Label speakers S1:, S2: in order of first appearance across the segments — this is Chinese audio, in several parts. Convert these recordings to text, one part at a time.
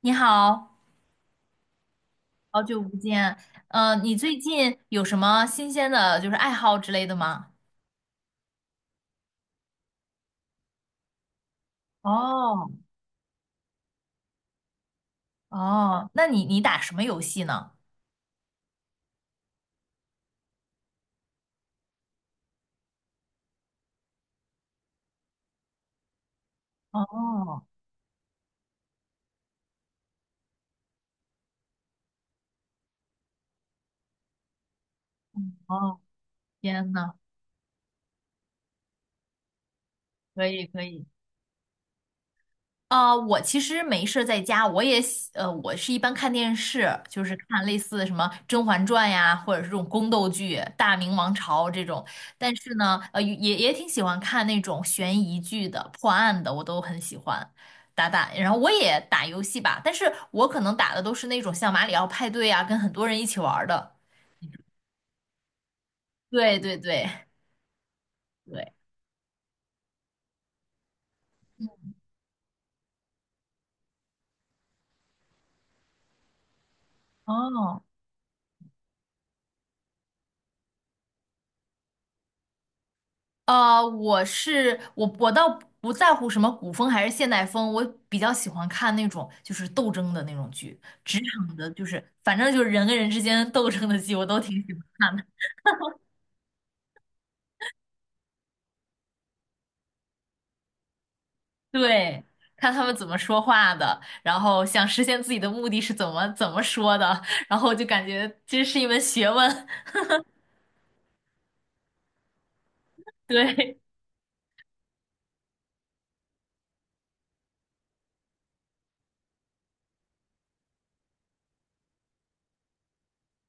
S1: 你好，好久不见。嗯，你最近有什么新鲜的，就是爱好之类的吗？哦哦，那你打什么游戏呢？哦哦，天呐，可以可以。啊，我其实没事儿在家，我也喜呃，我是一般看电视，就是看类似什么《甄嬛传》呀，或者是这种宫斗剧、《大明王朝》这种。但是呢，也挺喜欢看那种悬疑剧的、破案的，我都很喜欢打打。然后我也打游戏吧，但是我可能打的都是那种像马里奥派对啊，跟很多人一起玩儿的。对对对对，哦，我是我，我倒不在乎什么古风还是现代风，我比较喜欢看那种就是斗争的那种剧，职场的，就是反正就是人跟人之间斗争的剧，我都挺喜欢看的。对，看他们怎么说话的，然后想实现自己的目的是怎么怎么说的，然后就感觉这是一门学问。对，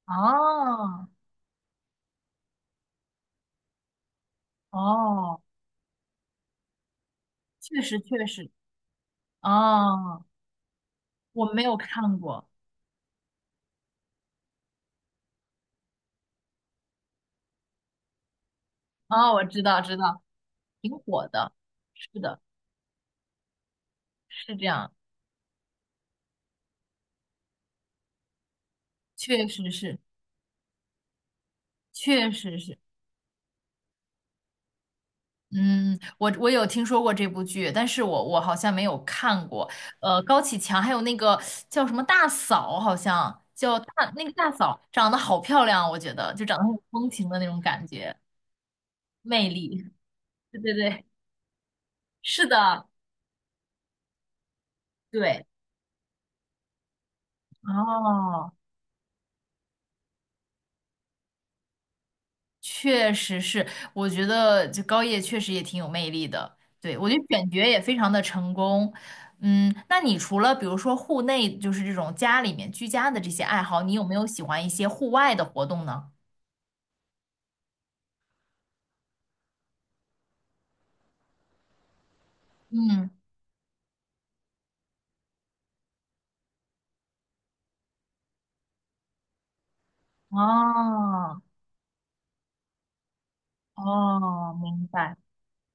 S1: 哦哦，确实确实，哦，我没有看过，哦，我知道知道，挺火的，是的。是这样，确实是，确实是。嗯，我有听说过这部剧，但是我好像没有看过。呃，高启强还有那个叫什么大嫂，好像叫大那个大嫂，长得好漂亮，我觉得就长得很有风情的那种感觉，魅力。对对对，是的，对。哦，确实是，我觉得就高叶确实也挺有魅力的。对，我觉得选角也非常的成功。嗯，那你除了比如说户内，就是这种家里面居家的这些爱好，你有没有喜欢一些户外的活动呢？嗯，哦哦，明白。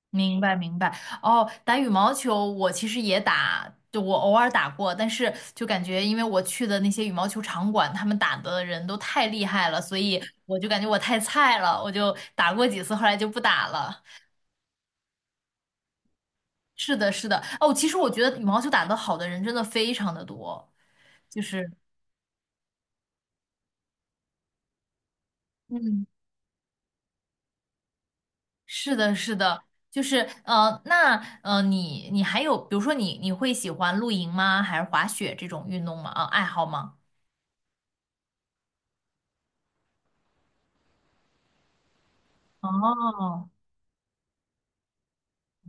S1: 明白明白哦，打羽毛球我其实也打，就我偶尔打过，但是就感觉因为我去的那些羽毛球场馆，他们打的人都太厉害了，所以我就感觉我太菜了，我就打过几次，后来就不打了。是的，是的，哦，其实我觉得羽毛球打得好的人真的非常的多，就是，嗯，是的，是的，就是呃，那你还有，比如说你会喜欢露营吗？还是滑雪这种运动吗？啊，爱好吗？哦，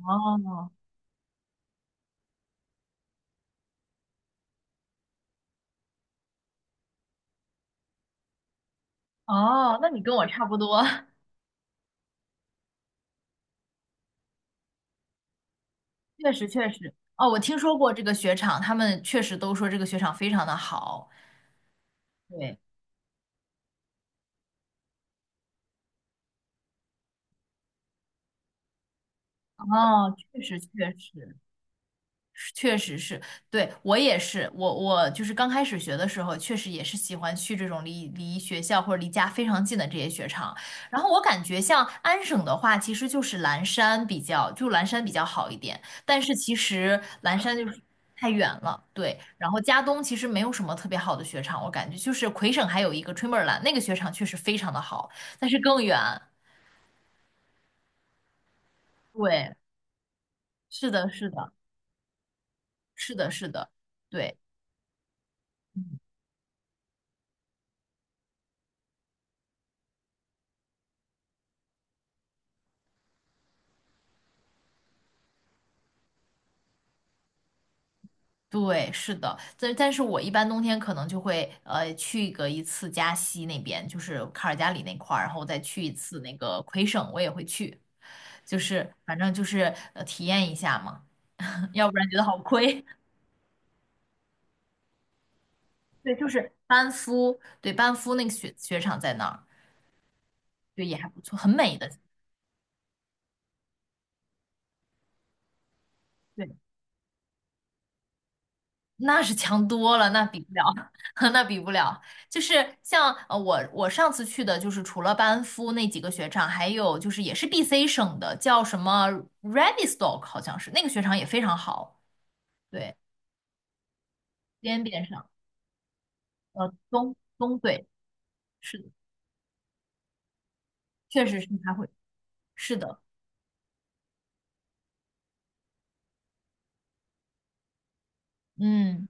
S1: 哦哦，那你跟我差不多，确实确实。哦，我听说过这个雪场，他们确实都说这个雪场非常的好。对，哦，确实确实。确实是，对，我也是，我就是刚开始学的时候，确实也是喜欢去这种离学校或者离家非常近的这些雪场。然后我感觉像安省的话，其实就是蓝山比较，就蓝山比较好一点。但是其实蓝山就是太远了，对。然后加东其实没有什么特别好的雪场，我感觉就是魁省还有一个 Tremorland，那个雪场确实非常的好，但是更远。对，是的，是的，是的，是的，对。对，是的，但但是我一般冬天可能就会去个一次加西那边，就是卡尔加里那块儿，然后再去一次那个魁省，我也会去，就是反正就是体验一下嘛，要不然觉得好亏。对，就是班夫，对，班夫那个雪场在那儿，对，也还不错，很美的。对。那是强多了，那比不了，那比不了。就是像我上次去的，就是除了班夫那几个雪场，还有就是也是 BC 省的，叫什么 Radistock 好像是那个雪场也非常好，对，边边上，东对,是的，确实是它会，是的，嗯，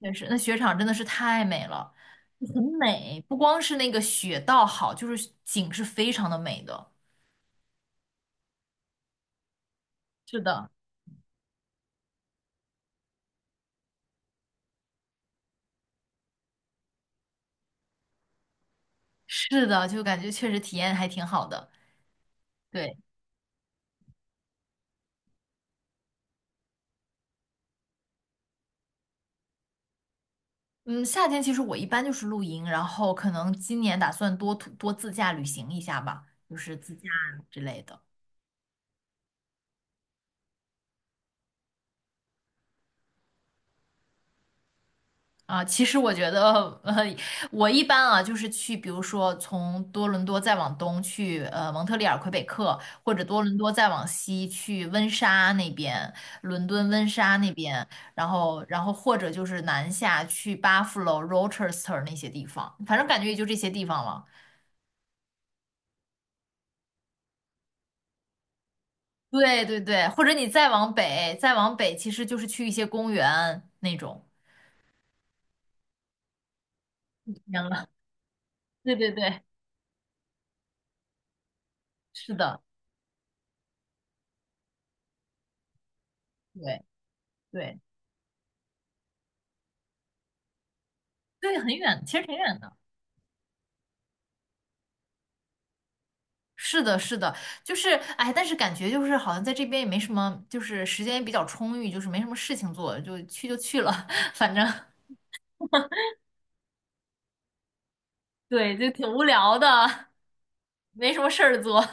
S1: 确实，那雪场真的是太美了，很美，不光是那个雪道好，就是景是非常的美的，是的，是的，就感觉确实体验还挺好的。对，嗯，夏天其实我一般就是露营，然后可能今年打算多徒多自驾旅行一下吧，就是自驾之类的。啊，其实我觉得，呃，我一般啊，就是去，比如说从多伦多再往东去，蒙特利尔、魁北克，或者多伦多再往西去温莎那边，伦敦温莎那边，然后或者就是南下去 Buffalo、Rochester 那些地方，反正感觉也就这些地方了。对对对，或者你再往北，再往北其实就是去一些公园那种。天了，对对对，是的，对对对，很远，其实挺远的。是的，是的，就是哎，但是感觉就是好像在这边也没什么，就是时间也比较充裕，就是没什么事情做，就去了，反正对，就挺无聊的，没什么事儿做。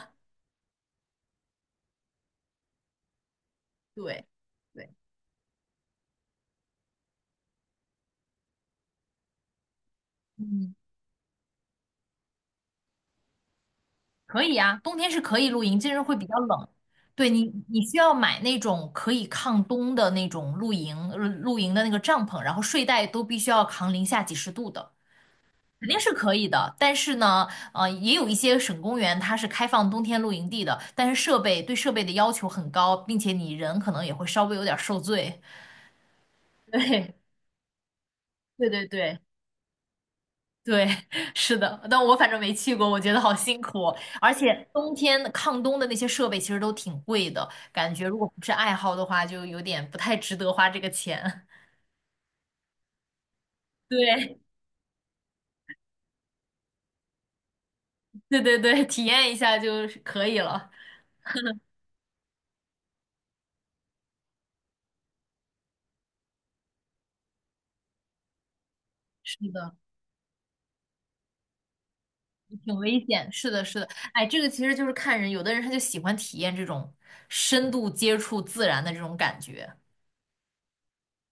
S1: 对对，嗯。可以啊，冬天是可以露营，但是会比较冷。对你，你需要买那种可以抗冬的那种露营，露营的那个帐篷，然后睡袋都必须要扛零下几十度的，肯定是可以的。但是呢，也有一些省公园它是开放冬天露营地的，但是设备的要求很高，并且你人可能也会稍微有点儿受罪。对，对对对。对，是的，但我反正没去过，我觉得好辛苦哦，而且冬天抗冬的那些设备其实都挺贵的，感觉如果不是爱好的话，就有点不太值得花这个钱。对，对对对，体验一下就是可以了。是的，挺危险。是的，是的，哎，这个其实就是看人，有的人他就喜欢体验这种深度接触自然的这种感觉。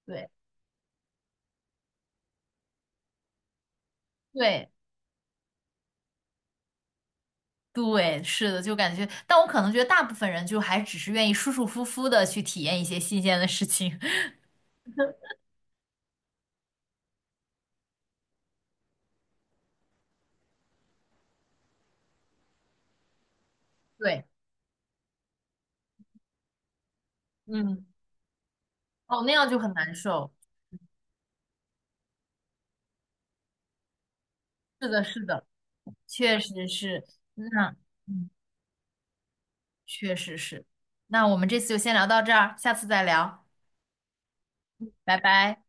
S1: 对对，对，是的，就感觉，但我可能觉得大部分人就还只是愿意舒舒服服的去体验一些新鲜的事情。对，嗯，哦，那样就很难受。是的，是的，确实是。那，嗯，确实是。那我们这次就先聊到这儿，下次再聊，拜拜。